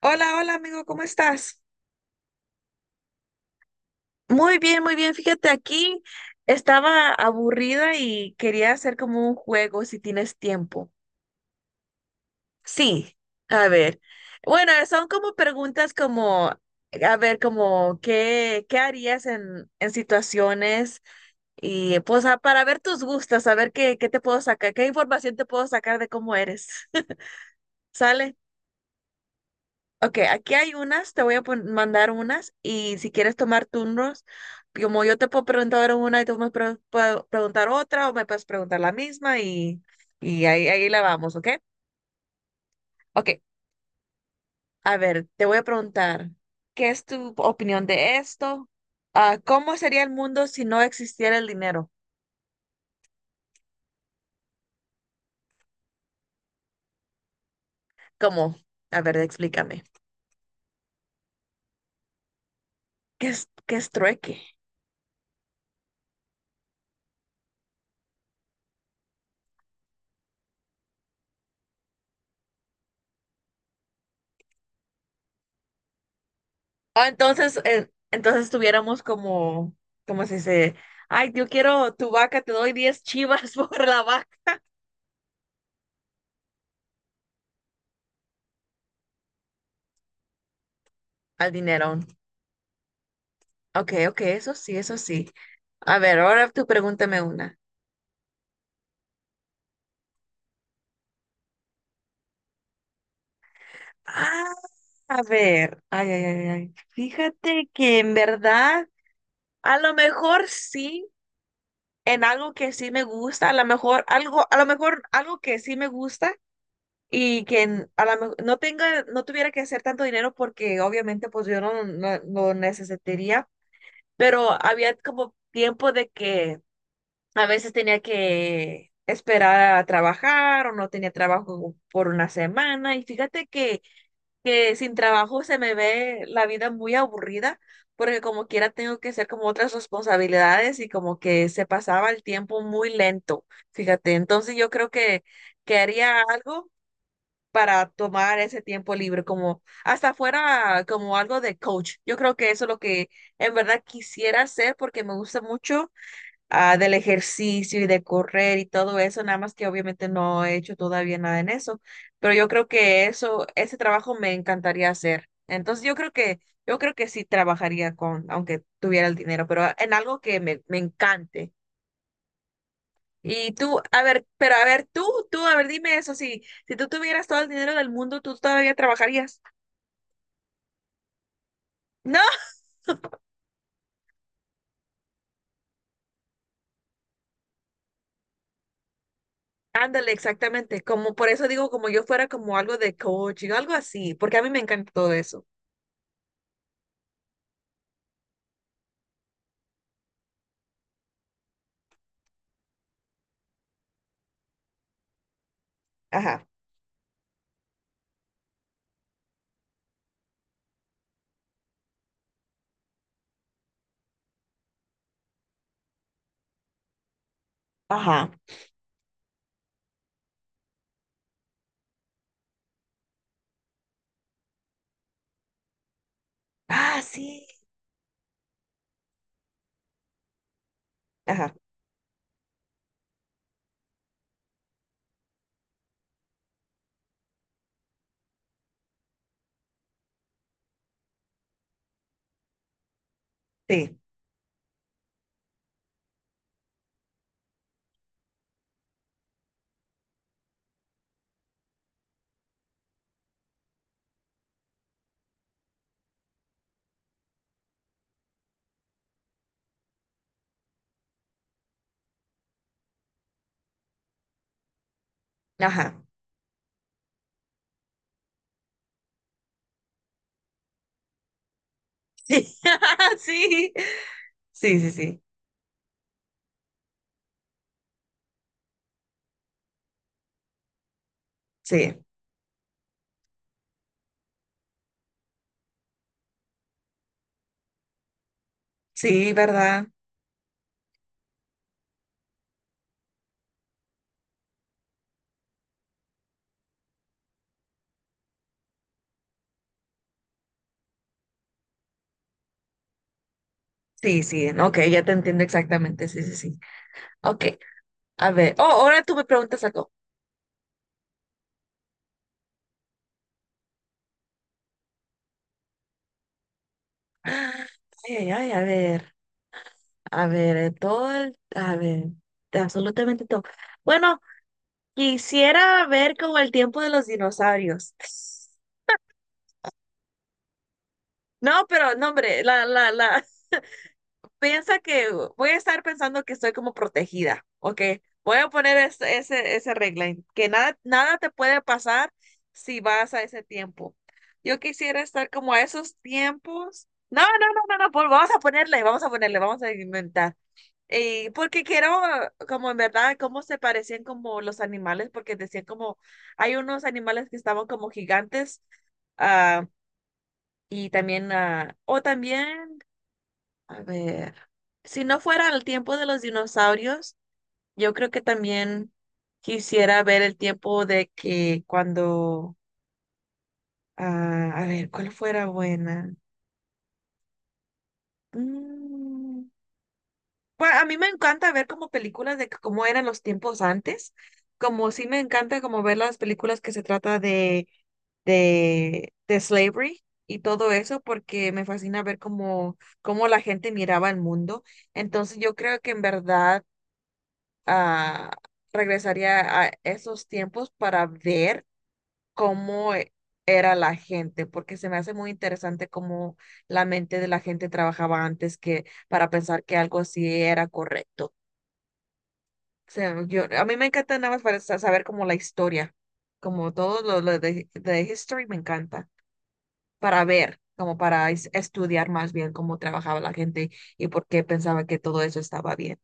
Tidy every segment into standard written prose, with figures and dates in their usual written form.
Hola, hola amigo, ¿cómo estás? Muy bien, muy bien. Fíjate, aquí estaba aburrida y quería hacer como un juego si tienes tiempo. Sí, a ver. Bueno, son como preguntas como, a ver, como, ¿qué harías en situaciones? Y pues para ver tus gustos, a ver qué te puedo sacar, qué información te puedo sacar de cómo eres. ¿Sale? Ok, aquí hay unas, te voy a mandar unas y si quieres tomar turnos, como yo te puedo preguntar ahora una y tú me puedo preguntar otra o me puedes preguntar la misma y ahí la vamos, ¿ok? Ok, a ver, te voy a preguntar, ¿qué es tu opinión de esto? Ah, ¿cómo sería el mundo si no existiera el dinero? ¿Cómo? A ver, explícame. ¿Qué es trueque? Ah, entonces tuviéramos como, como si se, ay, yo quiero tu vaca, te doy 10 chivas por la vaca. Al dinero. Ok, ok, eso sí, eso sí. A ver, ahora tú pregúntame una. Ah, a ver, ay, ay, ay, ay. Fíjate que en verdad, a lo mejor sí, en algo que sí me gusta, a lo mejor algo, a lo mejor algo que sí me gusta, y que no tuviera que hacer tanto dinero porque obviamente pues yo no necesitaría, pero había como tiempo de que a veces tenía que esperar a trabajar o no tenía trabajo por una semana y fíjate que sin trabajo se me ve la vida muy aburrida porque como quiera tengo que hacer como otras responsabilidades y como que se pasaba el tiempo muy lento, fíjate, entonces yo creo que haría algo para tomar ese tiempo libre, como hasta fuera como algo de coach. Yo creo que eso es lo que en verdad quisiera hacer porque me gusta mucho del ejercicio y de correr y todo eso, nada más que obviamente no he hecho todavía nada en eso, pero yo creo que eso, ese trabajo me encantaría hacer. Entonces yo creo que sí trabajaría con, aunque tuviera el dinero, pero en algo que me encante. Y tú, a ver, pero a ver, tú, a ver, dime eso, si tú tuvieras todo el dinero del mundo, ¿tú todavía trabajarías? No, ándale, exactamente, como por eso digo, como yo fuera como algo de coaching, algo así, porque a mí me encanta todo eso. Ajá, ajá, ah, sí, ajá, sí, ajá, sí, sí, sí, sí, sí, sí, sí, ¿verdad? Sí, sí, ok, ya te entiendo exactamente, sí, sí, sí, ok, a ver, oh, ahora tú me preguntas algo. Ah, ay, ay, ay, a ver. A ver, todo el, a ver, absolutamente todo. Bueno, quisiera ver como el tiempo de los dinosaurios. No, pero no, hombre, la, piensa que voy a estar pensando que estoy como protegida, ¿ok? Voy a poner ese, regla, en que nada, nada te puede pasar si vas a ese tiempo. Yo quisiera estar como a esos tiempos. No, no, no, no, no, pues vamos a ponerle, vamos a inventar. Y porque quiero, como en verdad, cómo se parecían como los animales, porque decían como, hay unos animales que estaban como gigantes, ah, y también, o también, a ver, si no fuera el tiempo de los dinosaurios, yo creo que también quisiera ver el tiempo de que cuando, a ver, ¿cuál fuera buena? Mm, Bueno, a mí me encanta ver como películas de cómo eran los tiempos antes, como sí me encanta como ver las películas que se trata de, slavery y todo eso, porque me fascina ver cómo la gente miraba el mundo. Entonces yo creo que en verdad ah, regresaría a esos tiempos para ver cómo era la gente, porque se me hace muy interesante cómo la mente de la gente trabajaba antes que para pensar que algo así era correcto. O sea, a mí me encanta nada más para saber como la historia, como todo lo, de history me encanta, para ver, como para estudiar más bien cómo trabajaba la gente y por qué pensaba que todo eso estaba bien.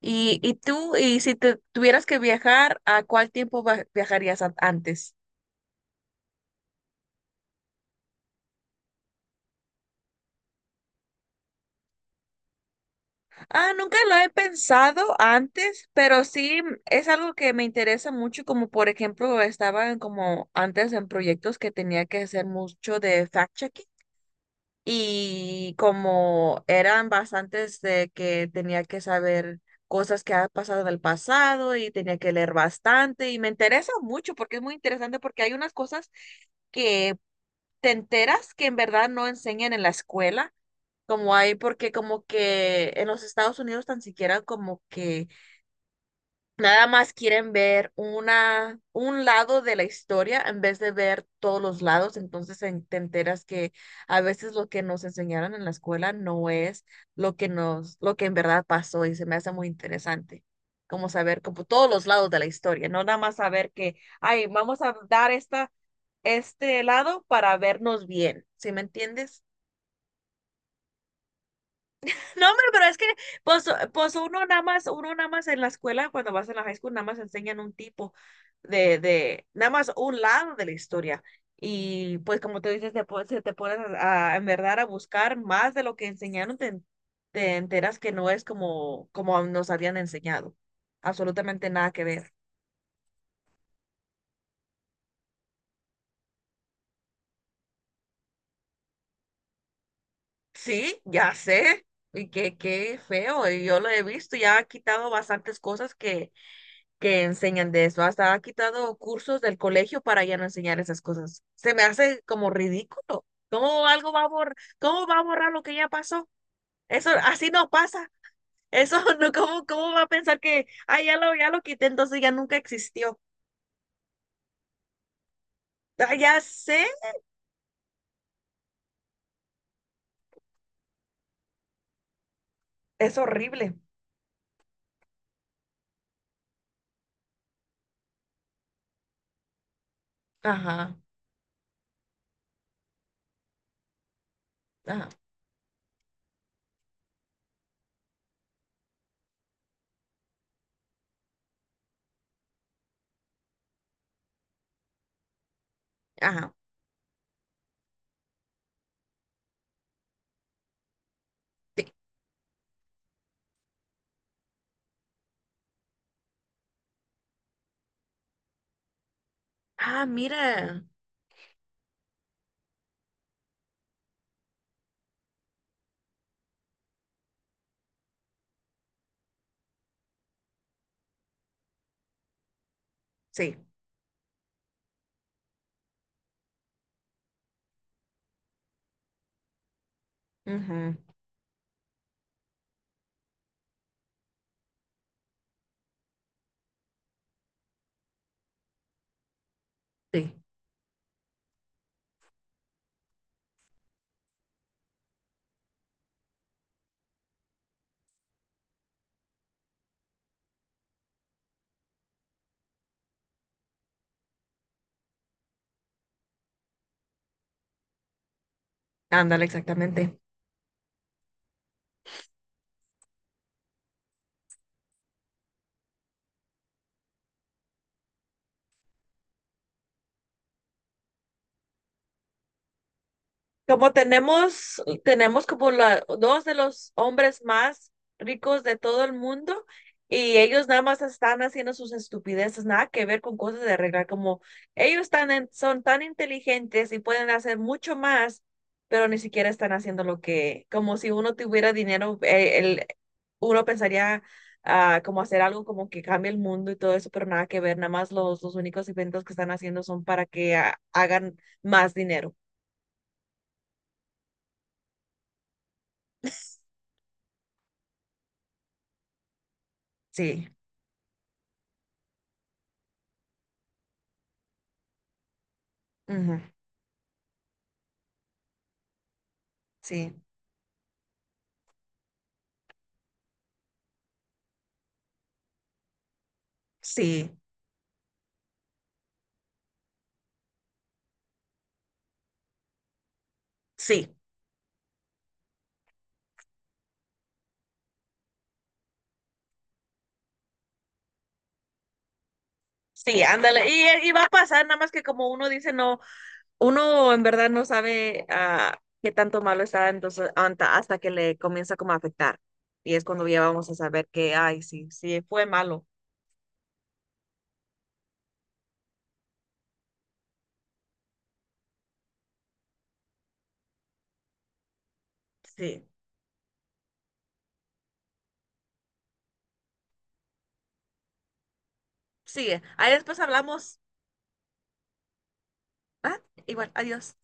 Y tú, y si te tuvieras que viajar, ¿a cuál tiempo viajarías antes? Ah, nunca lo he pensado antes, pero sí es algo que me interesa mucho, como por ejemplo estaba en como antes en proyectos que tenía que hacer mucho de fact-checking. Y como eran bastantes de que tenía que saber cosas que han pasado en el pasado y tenía que leer bastante y me interesa mucho porque es muy interesante porque hay unas cosas que te enteras que en verdad no enseñan en la escuela, como hay porque como que en los Estados Unidos tan siquiera como que nada más quieren ver un lado de la historia en vez de ver todos los lados. Entonces te enteras que a veces lo que nos enseñaron en la escuela no es lo que en verdad pasó y se me hace muy interesante. Como saber como todos los lados de la historia, no nada más saber que, ay, vamos a dar este lado para vernos bien. ¿Sí me entiendes? No, hombre, pero es que, pues, pues uno nada más en la escuela, cuando vas a la high school, nada más enseñan un tipo de, nada más un lado de la historia. Y pues como tú dices, se te pones a, en verdad a buscar más de lo que enseñaron, te enteras que no es como nos habían enseñado. Absolutamente nada que ver. Sí, ya sé. Y qué feo. Y yo lo he visto, ya ha quitado bastantes cosas que enseñan de eso. Hasta ha quitado cursos del colegio para ya no enseñar esas cosas. Se me hace como ridículo. ¿Cómo algo va a borrar, cómo va a borrar lo que ya pasó? Eso así no pasa. Eso no, ¿cómo va a pensar que, ah, ya lo quité, entonces ya nunca existió? Ah, ya sé, es horrible. Ajá, ajá, ajá. Sí. Ah, mira. Sí. Ujú, sí. Ándale, exactamente. Como tenemos como dos de los hombres más ricos de todo el mundo y ellos nada más están haciendo sus estupideces, nada que ver con cosas de arreglar, como ellos están son tan inteligentes y pueden hacer mucho más, pero ni siquiera están haciendo lo que, como si uno tuviera dinero, uno pensaría como hacer algo como que cambie el mundo y todo eso, pero nada que ver, nada más los únicos eventos que están haciendo son para que hagan más dinero. Sí, ujú, sí, sí, sí, sí, ándale. Y va a pasar, nada más que como uno dice, no, uno en verdad no sabe qué tanto malo está, entonces hasta que le comienza como a afectar. Y es cuando ya vamos a saber que, ay, sí, sí, fue malo. Sí, sí. Ahí después hablamos. Ah, igual, adiós.